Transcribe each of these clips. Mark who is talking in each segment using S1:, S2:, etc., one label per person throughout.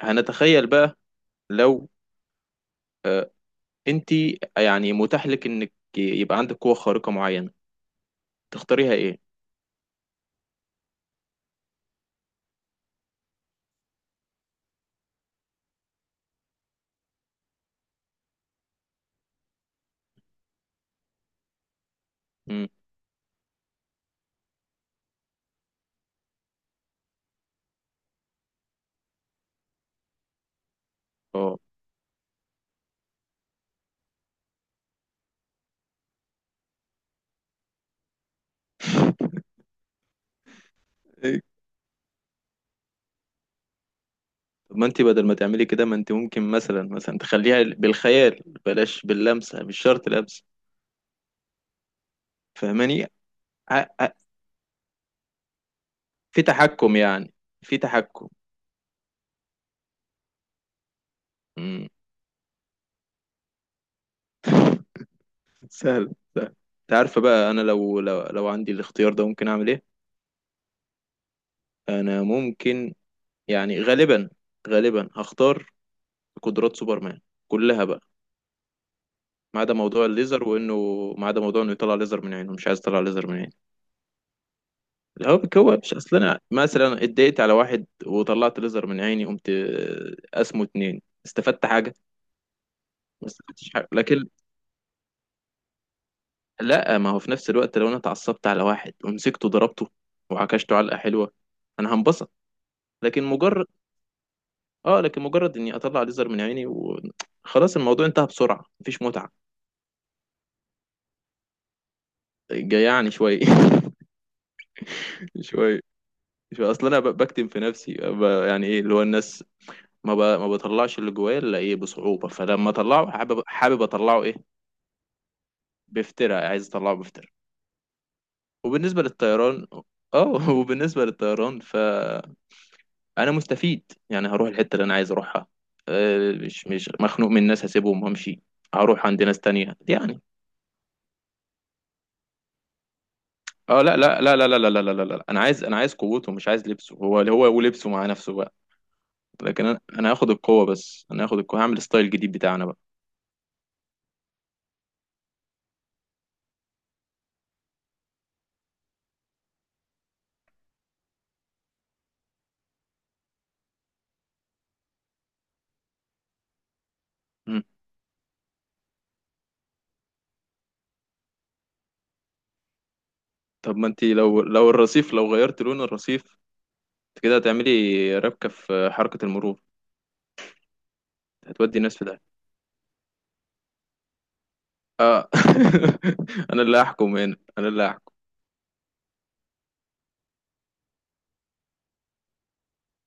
S1: هنتخيل بقى لو انت يعني متاح لك انك يبقى عندك قوة خارقة معينة تختاريها ايه؟ امم اه. إيه؟ طب ما انت بدل ما تعملي كده، ما انت ممكن مثلا تخليها بالخيال، بلاش باللمسة، مش شرط لمسة. فاهماني؟ ع- ع- في تحكم يعني، في تحكم. امم. سهل سهل. انت عارفة بقى انا لو عندي الاختيار ده ممكن اعمل ايه؟ انا ممكن يعني غالبا، هختار قدرات سوبرمان كلها بقى. ما عدا موضوع الليزر وانه، ما عدا موضوع انه يطلع ليزر من عينه، مش عايز يطلع ليزر من عينه. اللي هو بيكوى، مش اصل انا مثلا اتضايقت على واحد وطلعت ليزر من عيني، قمت اسمه اتنين استفدت حاجة؟ ما استفدتش حاجة. لكن لا، ما هو في نفس الوقت لو انا اتعصبت على واحد ومسكته ضربته وعكشته علقة حلوة، انا هنبسط. لكن مجرد، اني اطلع ليزر من عيني وخلاص، الموضوع انتهى بسرعة، مفيش متعة. جيعني شوية. شوية. شوية، اصل انا بكتم في نفسي، يعني ايه اللي هو الناس، ما بطلعش اللي جوايا الا ايه، بصعوبة. فلما اطلعه حابب، اطلعه ايه، بافتراء، عايز اطلعه بافتراء. وبالنسبة للطيران، اه وبالنسبة للطيران فانا مستفيد، يعني هروح الحتة اللي انا عايز اروحها. مش مخنوق من الناس، هسيبهم وامشي. هروح عند ناس تانية يعني. اه، لا لا لا لا لا لا لا لا لا لا. انا عايز، قوته، مش عايز لبسه. هو هو ولبسه مع نفسه بقى. لكن انا، هاخد القوة، بس انا هاخد القوة هعمل ستايل جديد بتاعنا بقى. مم. طب ما انت، لو الرصيف، لو غيرت لون الرصيف انت كده هتعملي ربكة في حركة المرور. هتودي الناس في ده. اه. انا اللي هحكم هنا، انا اللي هحكم.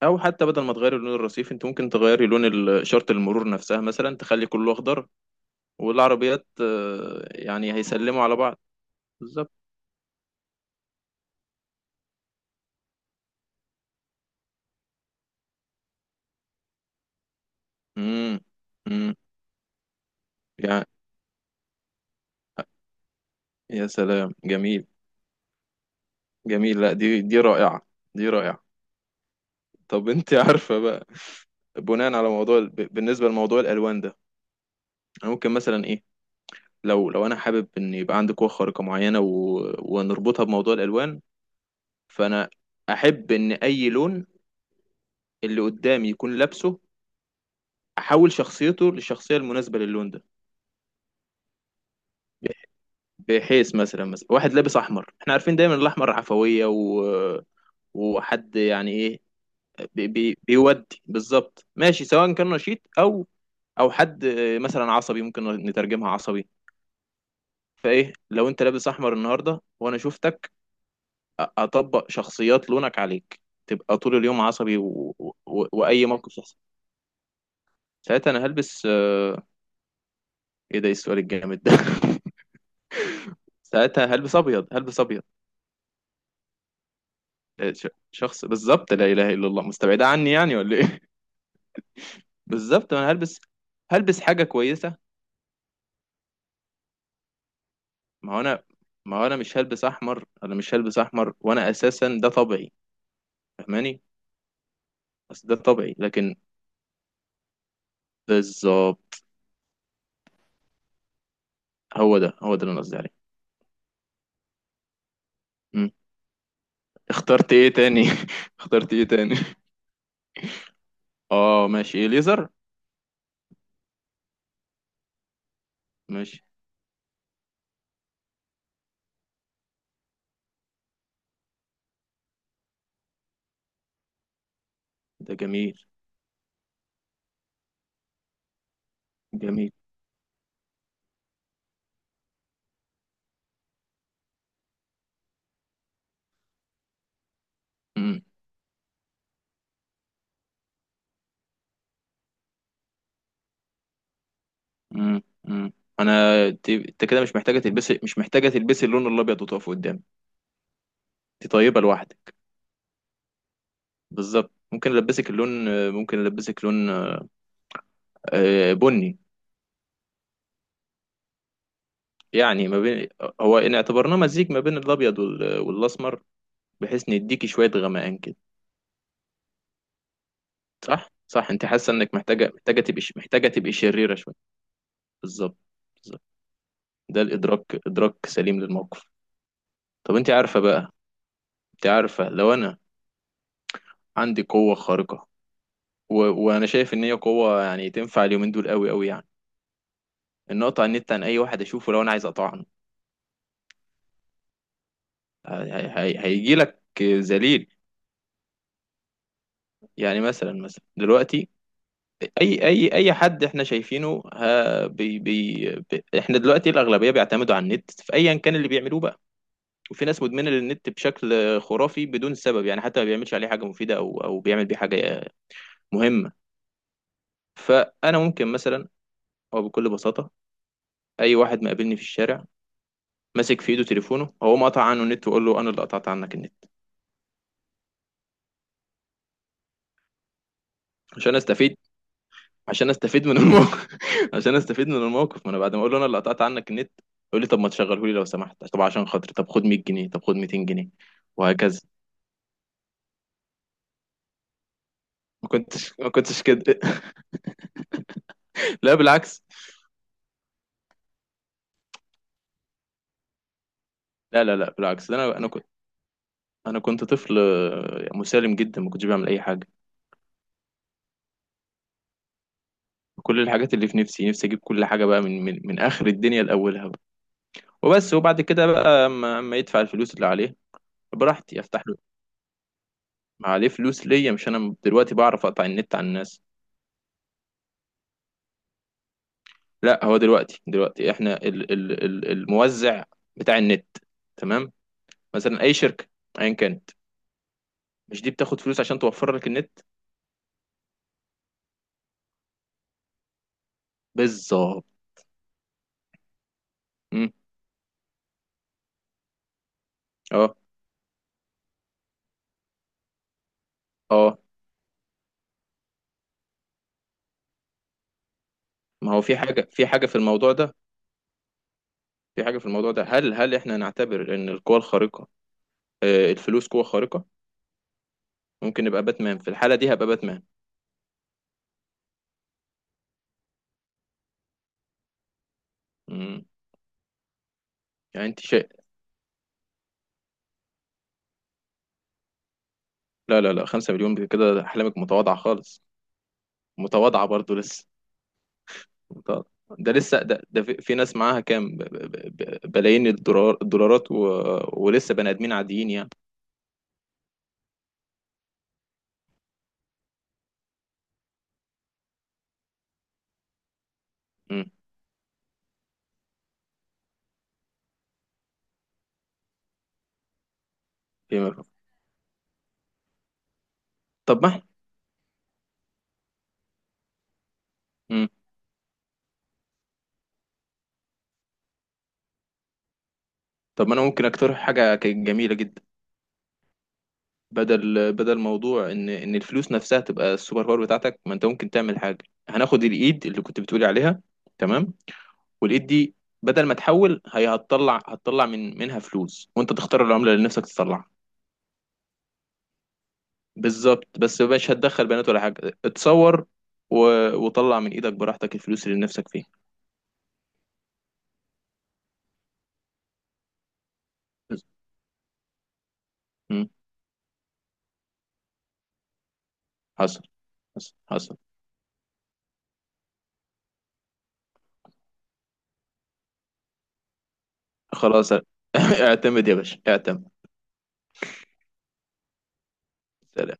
S1: او حتى بدل ما تغيري لون الرصيف، انت ممكن تغيري لون اشارة المرور نفسها، مثلا تخلي كله اخضر، والعربيات يعني هيسلموا على بعض. بالظبط. امم. امم. يعني يا سلام، جميل. جميل. لا، دي، رائعة. دي رائعة. طب انت عارفة بقى، بناء على موضوع بالنسبة لموضوع الالوان ده، أنا ممكن مثلا ايه، لو انا حابب ان يبقى عندي قوه خارقه معينه، و... ونربطها بموضوع الالوان. فانا احب ان اي لون اللي قدامي يكون لابسه، احول شخصيته للشخصيه المناسبه للون ده. بحيث مثلا، واحد لابس احمر، احنا عارفين دايما الاحمر عفويه، و... وحد يعني ايه، بيودي بالظبط. ماشي، سواء كان نشيط او، او حد مثلا عصبي، ممكن نترجمها عصبي. فايه لو انت لابس احمر النهارده وانا شفتك، اطبق شخصيات لونك عليك، تبقى طول اليوم عصبي، واي موقف يحصل ساعتها انا هلبس ايه ده؟ إيه السؤال الجامد ده؟ ساعتها هلبس ابيض. هلبس ابيض. شخص بالظبط لا اله الا الله مستبعده عني يعني، ولا ايه؟ بالظبط، انا هلبس حاجه كويسه. ما هو انا، مش هلبس احمر. انا مش هلبس احمر، وانا اساسا ده طبيعي. فاهماني؟ بس ده طبيعي لكن. بالظبط. هو ده، اللي انا قصدي عليه. مم. اخترت ايه تاني؟ اخترت ايه تاني؟ اه ماشي، ايه، ليزر، ماشي. ده جميل. جميل. امم. امم. امم. انا، انت كده مش محتاجه تلبسي، اللون الابيض وتقف قدامي. انت طيبه لوحدك. بالظبط. ممكن البسك اللون، ممكن البسك لون بني. يعني ما بين، هو ان اعتبرناه مزيج ما بين الابيض والاسمر، بحيث نديكي شويه غمقان كده. صح. صح، انت حاسه انك محتاجه، محتاجه تبقي شريره شويه. بالظبط. بالظبط. ده الادراك، ادراك سليم للموقف. طب انت عارفه بقى، انت عارفه لو انا عندي قوة خارقة، و... وانا شايف ان هي قوة يعني تنفع اليومين دول، قوي قوي يعني، ان اقطع النت عن اي واحد اشوفه لو انا عايز اقطع عنه. هيجي لك ذليل. يعني مثلا، دلوقتي اي حد احنا شايفينه، ها بي بي بي، احنا دلوقتي الاغلبية بيعتمدوا على النت في ايا كان اللي بيعملوه بقى. وفي ناس مدمنة للنت بشكل خرافي، بدون سبب يعني، حتى ما بيعملش عليه حاجة مفيدة او، بيعمل بيه حاجة مهمة. فانا ممكن مثلا، او بكل بساطة اي واحد مقابلني في الشارع ماسك في ايده تليفونه، هو قطع عنه النت وقول له انا اللي قطعت عنك النت. عشان استفيد، عشان استفيد من الموقف عشان استفيد من الموقف. ما انا بعد ما اقول له انا اللي قطعت عنك النت، يقول لي طب ما تشغله لي لو سمحت، طب عشان خاطري، طب خد 100 جنيه، طب خد 200 جنيه، وهكذا. ما كنتش كده. لا بالعكس. لا، بالعكس، ده انا، كنت طفل مسالم جدا، ما كنتش بعمل اي حاجه. كل الحاجات اللي في نفسي، نفسي اجيب كل حاجه بقى من اخر الدنيا لاولها بقى. وبس. وبعد كده بقى أما يدفع الفلوس اللي عليه، براحتي افتح. ما عليه فلوس ليا؟ مش انا دلوقتي بعرف اقطع النت عن الناس؟ لا، هو دلوقتي دلوقتي احنا ال ال ال الموزع بتاع النت، تمام، مثلا اي شركه، ايا كانت، مش دي بتاخد فلوس عشان توفر لك النت؟ بالظبط. مم. اه. اه. ما هو في حاجه، في حاجه في الموضوع ده. هل احنا نعتبر ان القوه الخارقه، آه الفلوس، قوه خارقه؟ ممكن نبقى باتمان في الحاله دي، هبقى باتمان. مم. يعني انت شيء. لا لا لا، 5 مليون كده احلامك متواضعه خالص. متواضعه برضو لسه. طب ده لسه، ده في في ناس معاها كام، بلايين الدولار، الدولارات، و... ولسه بني ادمين عاديين يعني. امم. فيما-. طب ما امم، انا ممكن اقترح حاجه كانت جميله جدا. بدل موضوع ان، الفلوس نفسها تبقى السوبر باور بتاعتك، ما انت ممكن تعمل حاجه، هناخد الايد اللي كنت بتقولي عليها، تمام، والايد دي بدل ما تحول، هي هتطلع، هتطلع من منها فلوس، وانت تختار العمله اللي نفسك تطلعها. بالظبط، بس مش هتدخل بنات ولا حاجه، اتصور. و... وطلع من ايدك براحتك الفلوس اللي نفسك فيها. مم. حصل، حصل، حصل. خلاص، اعتمد يا باشا، اعتمد. سلام.